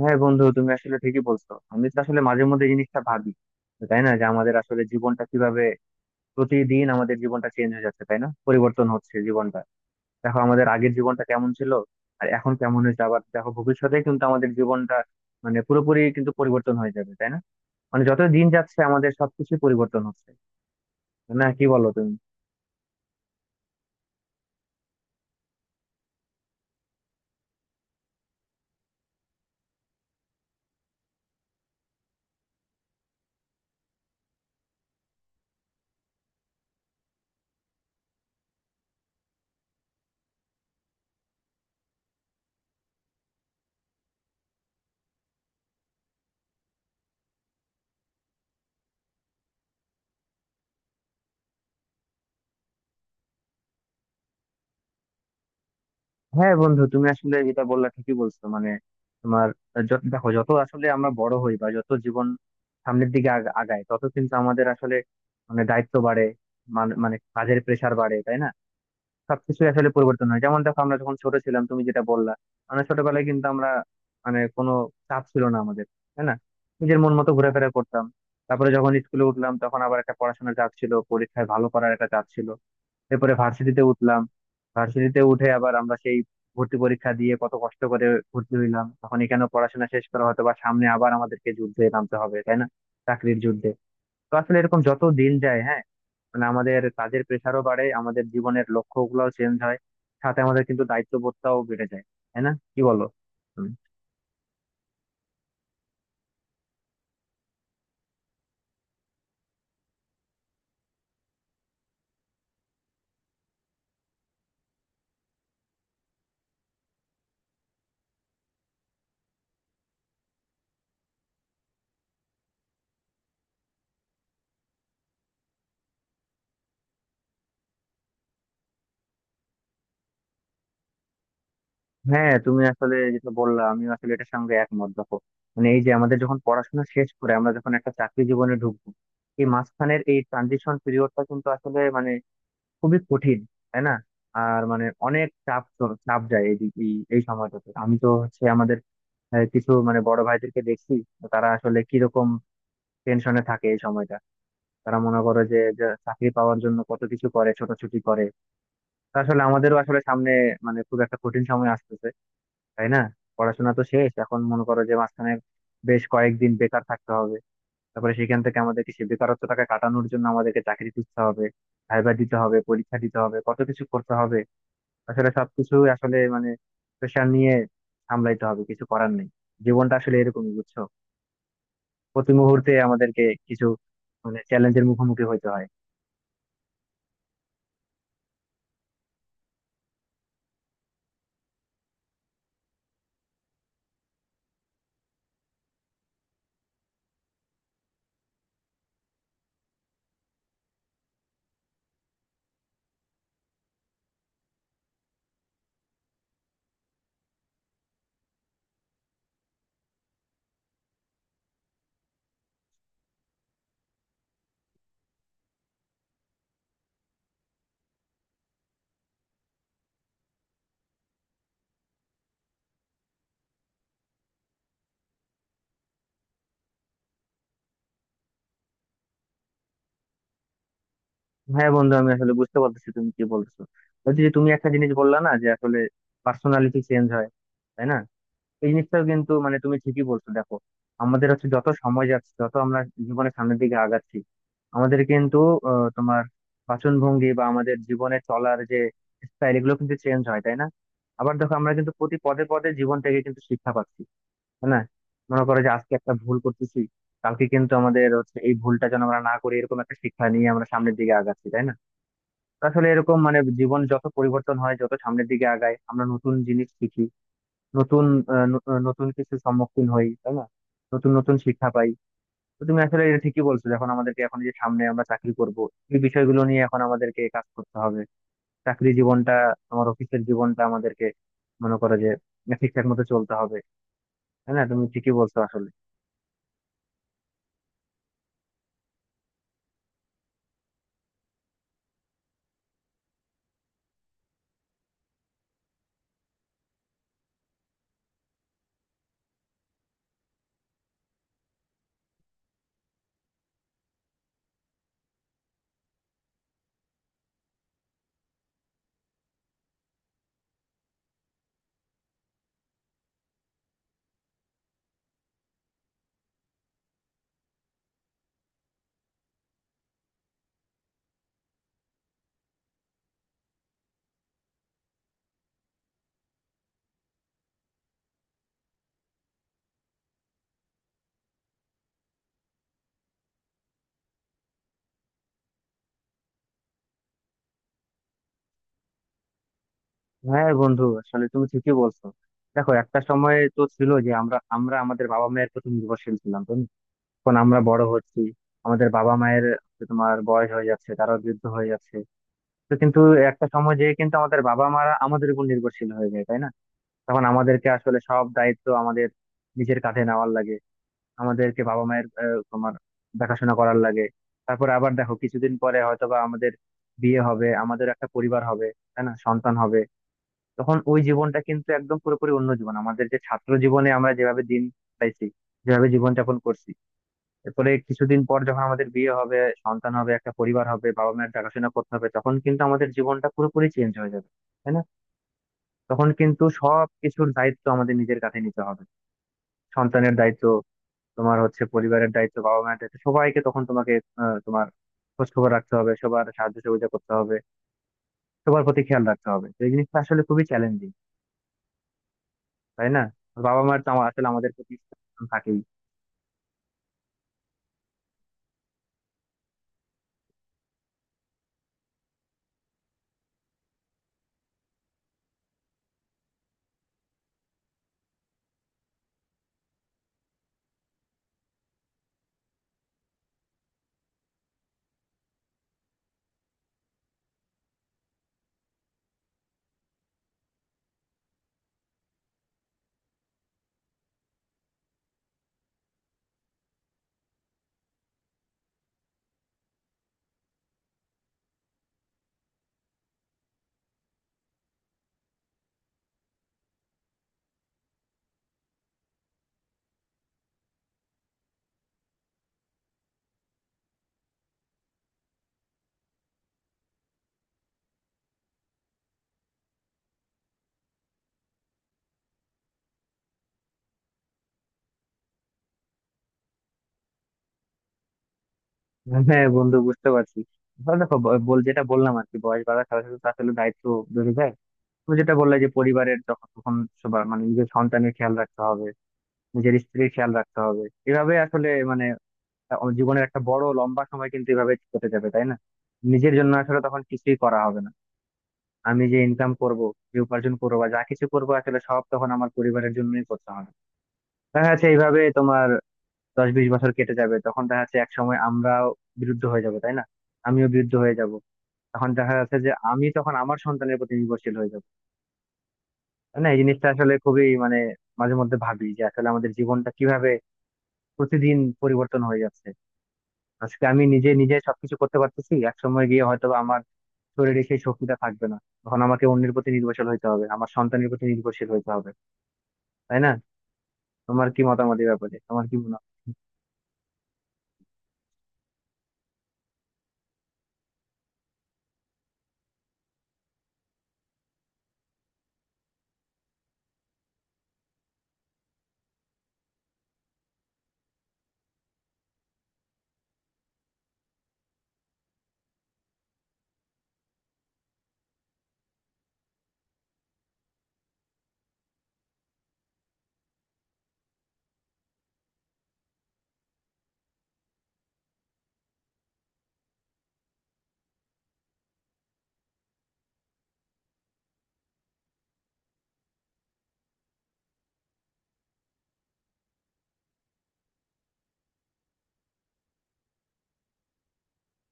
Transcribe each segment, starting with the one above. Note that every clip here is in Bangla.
হ্যাঁ বন্ধু, তুমি আসলে ঠিকই বলছো। আমি তো আসলে মাঝে মধ্যে এই জিনিসটা ভাবি, তাই না? যে আমাদের আসলে জীবনটা কিভাবে প্রতিদিন আমাদের জীবনটা চেঞ্জ হয়ে যাচ্ছে, তাই না? পরিবর্তন হচ্ছে জীবনটা। দেখো আমাদের আগের জীবনটা কেমন ছিল আর এখন কেমন হয়েছে, আবার দেখো ভবিষ্যতে কিন্তু আমাদের জীবনটা মানে পুরোপুরি কিন্তু পরিবর্তন হয়ে যাবে, তাই না? মানে যত দিন যাচ্ছে আমাদের সবকিছু পরিবর্তন হচ্ছে। না, কি বলো তুমি? হ্যাঁ বন্ধু, তুমি আসলে যেটা বললা ঠিকই বলছো। মানে তোমার দেখো যত আসলে আমরা বড় হই, বা যত জীবন সামনের দিকে আগায়, তত কিন্তু আমাদের আসলে মানে দায়িত্ব বাড়ে। মানে কাজের প্রেশার বাড়ে, তাই না? সবকিছু আসলে পরিবর্তন হয়। যেমন দেখো, আমরা যখন ছোট ছিলাম, তুমি যেটা বললা, মানে ছোটবেলায় কিন্তু আমরা মানে কোনো চাপ ছিল না আমাদের, তাই না? নিজের মন মতো ঘোরাফেরা করতাম। তারপরে যখন স্কুলে উঠলাম, তখন আবার একটা পড়াশোনার চাপ ছিল, পরীক্ষায় ভালো করার একটা চাপ ছিল। এরপরে ভার্সিটিতে উঠলাম। ভার্সিটিতে উঠে আবার আমরা সেই ভর্তি পরীক্ষা দিয়ে কত কষ্ট করে ভর্তি হইলাম, তখন এখানে পড়াশোনা শেষ করা, হয়তো বা সামনে আবার আমাদেরকে যুদ্ধে নামতে হবে, তাই না? চাকরির যুদ্ধে। তো আসলে এরকম যত দিন যায়, হ্যাঁ, মানে আমাদের কাজের প্রেশারও বাড়ে, আমাদের জীবনের লক্ষ্য গুলাও চেঞ্জ হয়, সাথে আমাদের কিন্তু দায়িত্ববোধটাও বেড়ে যায়। তাই না, কি বলো? হ্যাঁ তুমি আসলে যেটা বললা আমি আসলে এটার সঙ্গে একমত। দেখো মানে এই যে আমাদের যখন পড়াশোনা শেষ করে আমরা যখন একটা চাকরি জীবনে ঢুকবো, এই মাঝখানের এই ট্রানজিশন পিরিয়ডটা কিন্তু আসলে মানে খুবই কঠিন, তাই না? আর মানে অনেক চাপ চাপ যায় এই এই এই সময়টাতে। আমি তো হচ্ছে আমাদের কিছু মানে বড় ভাইদেরকে দেখছি, তো তারা আসলে কিরকম টেনশনে থাকে এই সময়টা। তারা মনে করে যে, যে চাকরি পাওয়ার জন্য কত কিছু করে, ছোটাছুটি করে, তা আসলে আমাদেরও আসলে সামনে মানে খুব একটা কঠিন সময় আসতেছে, তাই না? পড়াশোনা তো শেষ, এখন মনে করো যে মাঝখানে বেশ কয়েকদিন বেকার থাকতে হবে। তারপরে সেখান থেকে আমাদেরকে সেই বেকারত্বটাকে কাটানোর জন্য আমাদেরকে চাকরি খুঁজতে হবে, ভাইবা দিতে হবে, পরীক্ষা দিতে হবে, কত কিছু করতে হবে। আসলে সবকিছু আসলে মানে প্রেশার নিয়ে সামলাইতে হবে, কিছু করার নেই। জীবনটা আসলে এরকমই, বুঝছো? প্রতি মুহূর্তে আমাদেরকে কিছু মানে চ্যালেঞ্জের মুখোমুখি হইতে হয়। হ্যাঁ বন্ধু, আমি আসলে বুঝতে পারতেছি তুমি কি বলছো। বলছি যে তুমি একটা জিনিস বললা না, যে আসলে পার্সোনালিটি চেঞ্জ হয়, তাই না? এই জিনিসটাও কিন্তু মানে তুমি ঠিকই বলছো। দেখো আমাদের হচ্ছে যত সময় যাচ্ছে, যত আমরা জীবনের সামনের দিকে আগাচ্ছি, আমাদের কিন্তু তোমার বাচন ভঙ্গি বা আমাদের জীবনে চলার যে স্টাইল, এগুলো কিন্তু চেঞ্জ হয়, তাই না? আবার দেখো আমরা কিন্তু প্রতি পদে পদে জীবন থেকে কিন্তু শিক্ষা পাচ্ছি, তাই না? মনে করো যে আজকে একটা ভুল করতেছি, কালকে কিন্তু আমাদের হচ্ছে এই ভুলটা যেন আমরা না করি, এরকম একটা শিক্ষা নিয়ে আমরা সামনের দিকে আগাচ্ছি, তাই না? তো আসলে এরকম মানে জীবন যত পরিবর্তন হয়, যত সামনের দিকে আগায়, আমরা নতুন জিনিস শিখি, নতুন নতুন কিছু সম্মুখীন হই, তাই না? নতুন নতুন শিক্ষা পাই। তো তুমি আসলে এটা ঠিকই বলছো, যখন আমাদেরকে এখন যে সামনে আমরা চাকরি করব, এই বিষয়গুলো নিয়ে এখন আমাদেরকে কাজ করতে হবে। চাকরি জীবনটা, আমার অফিসের জীবনটা আমাদেরকে মনে করো যে ঠিকঠাক মতো চলতে হবে, তাই না? তুমি ঠিকই বলছো আসলে। হ্যাঁ বন্ধু, আসলে তুমি ঠিকই বলছো। দেখো একটা সময় তো ছিল যে আমরা আমরা আমাদের বাবা মায়ের প্রতি নির্ভরশীল ছিলাম। তো এখন আমরা বড় হচ্ছি, আমাদের বাবা মায়ের হচ্ছে তোমার বয়স হয়ে যাচ্ছে, তারা বৃদ্ধ হয়ে যাচ্ছে। তো কিন্তু একটা সময় যেয়ে কিন্তু আমাদের বাবা মারা আমাদের উপর নির্ভরশীল হয়ে যায়, তাই না? তখন আমাদেরকে আসলে সব দায়িত্ব আমাদের নিজের কাঁধে নেওয়ার লাগে, আমাদেরকে বাবা মায়ের তোমার দেখাশোনা করার লাগে। তারপরে আবার দেখো, কিছুদিন পরে হয়তো বা আমাদের বিয়ে হবে, আমাদের একটা পরিবার হবে, তাই না? সন্তান হবে। তখন ওই জীবনটা কিন্তু একদম পুরোপুরি অন্য জীবন, আমাদের যে ছাত্র জীবনে আমরা যেভাবে দিন পাইছি, যেভাবে জীবনযাপন করছি, এরপরে কিছুদিন পর যখন আমাদের বিয়ে হবে, সন্তান হবে, একটা পরিবার হবে, বাবা মায়ের দেখাশোনা করতে হবে, তখন কিন্তু আমাদের জীবনটা পুরোপুরি চেঞ্জ হয়ে যাবে, তাই না? তখন কিন্তু সব কিছুর দায়িত্ব আমাদের নিজের কাছে নিতে হবে। সন্তানের দায়িত্ব, তোমার হচ্ছে পরিবারের দায়িত্ব, বাবা মায়ের দায়িত্ব, সবাইকে তখন তোমাকে তোমার খোঁজ খবর রাখতে হবে, সবার সাহায্য সহযোগিতা করতে হবে, সবার প্রতি খেয়াল রাখতে হবে। তো এই জিনিসটা আসলে খুবই চ্যালেঞ্জিং, তাই না? বাবা মায়ের তো আসলে আমাদের প্রতি থাকেই। হ্যাঁ বন্ধু, বুঝতে পারছি। তাহলে দেখো, বল যেটা বললাম আর কি, বয়স বাড়ার সাথে সাথে তো আসলে দায়িত্ব বেড়ে যায়। তুমি যেটা বললে যে পরিবারের যখন, তখন সবার মানে নিজের সন্তানের খেয়াল রাখতে হবে, নিজের স্ত্রীর খেয়াল রাখতে হবে। এভাবে আসলে মানে জীবনের একটা বড় লম্বা সময় কিন্তু এভাবে কেটে যাবে, তাই না? নিজের জন্য আসলে তখন কিছুই করা হবে না। আমি যে ইনকাম করব, যে উপার্জন করবো, বা যা কিছু করবো, আসলে সব তখন আমার পরিবারের জন্যই করতে হবে। দেখা যাচ্ছে এইভাবে তোমার 10-20 বছর কেটে যাবে, তখন দেখা যাচ্ছে এক সময় আমরাও বিরুদ্ধ হয়ে যাব, তাই না? আমিও বিরুদ্ধ হয়ে যাব। তখন দেখা যাচ্ছে যে আমি তখন আমার সন্তানের প্রতি নির্ভরশীল হয়ে যাব। না, এই জিনিসটা আসলে খুবই মানে, মাঝে মধ্যে ভাবি যে আসলে আমাদের জীবনটা কিভাবে প্রতিদিন পরিবর্তন হয়ে যাচ্ছে। আজকে আমি নিজে নিজে সবকিছু করতে পারতেছি, এক সময় গিয়ে হয়তো বা আমার শরীরে সেই শক্তিটা থাকবে না। তখন আমাকে অন্যের প্রতি নির্ভরশীল হইতে হবে, আমার সন্তানের প্রতি নির্ভরশীল হইতে হবে, তাই না? তোমার কি মতামত এই ব্যাপারে? তোমার কি মনে হয়?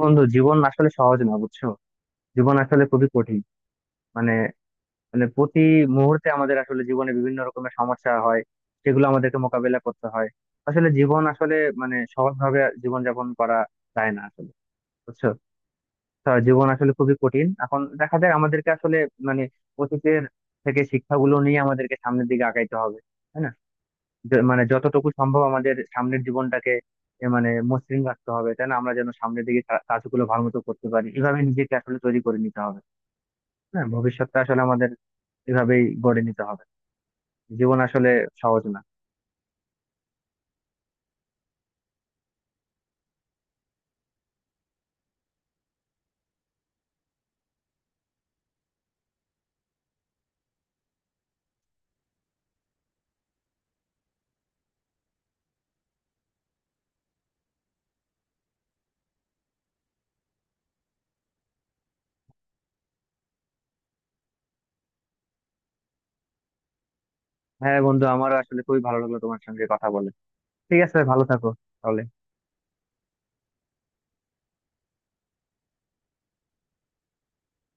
বন্ধু, জীবন আসলে সহজ না, বুঝছো? জীবন আসলে খুবই কঠিন। মানে মানে প্রতি মুহূর্তে আমাদের আসলে জীবনে বিভিন্ন রকমের সমস্যা হয়, সেগুলো আমাদেরকে মোকাবেলা করতে হয়। আসলে জীবন আসলে মানে সহজভাবে জীবনযাপন করা যায় না আসলে, বুঝছো? তা জীবন আসলে খুবই কঠিন। এখন দেখা যায় আমাদেরকে আসলে মানে অতীতের থেকে শিক্ষাগুলো নিয়ে আমাদেরকে সামনের দিকে আগাইতে হবে, তাই না? মানে যতটুকু সম্ভব আমাদের সামনের জীবনটাকে এ মানে মসৃণ রাখতে হবে, তাই না? আমরা যেন সামনের দিকে কাজগুলো ভালো মতো করতে পারি, এভাবে নিজেকে আসলে তৈরি করে নিতে হবে। হ্যাঁ, ভবিষ্যৎটা আসলে আমাদের এভাবেই গড়ে নিতে হবে। জীবন আসলে সহজ না। হ্যাঁ বন্ধু, আমার আসলে খুবই ভালো লাগলো তোমার সঙ্গে কথা বলে। ঠিক আছে, ভালো থাকো তাহলে।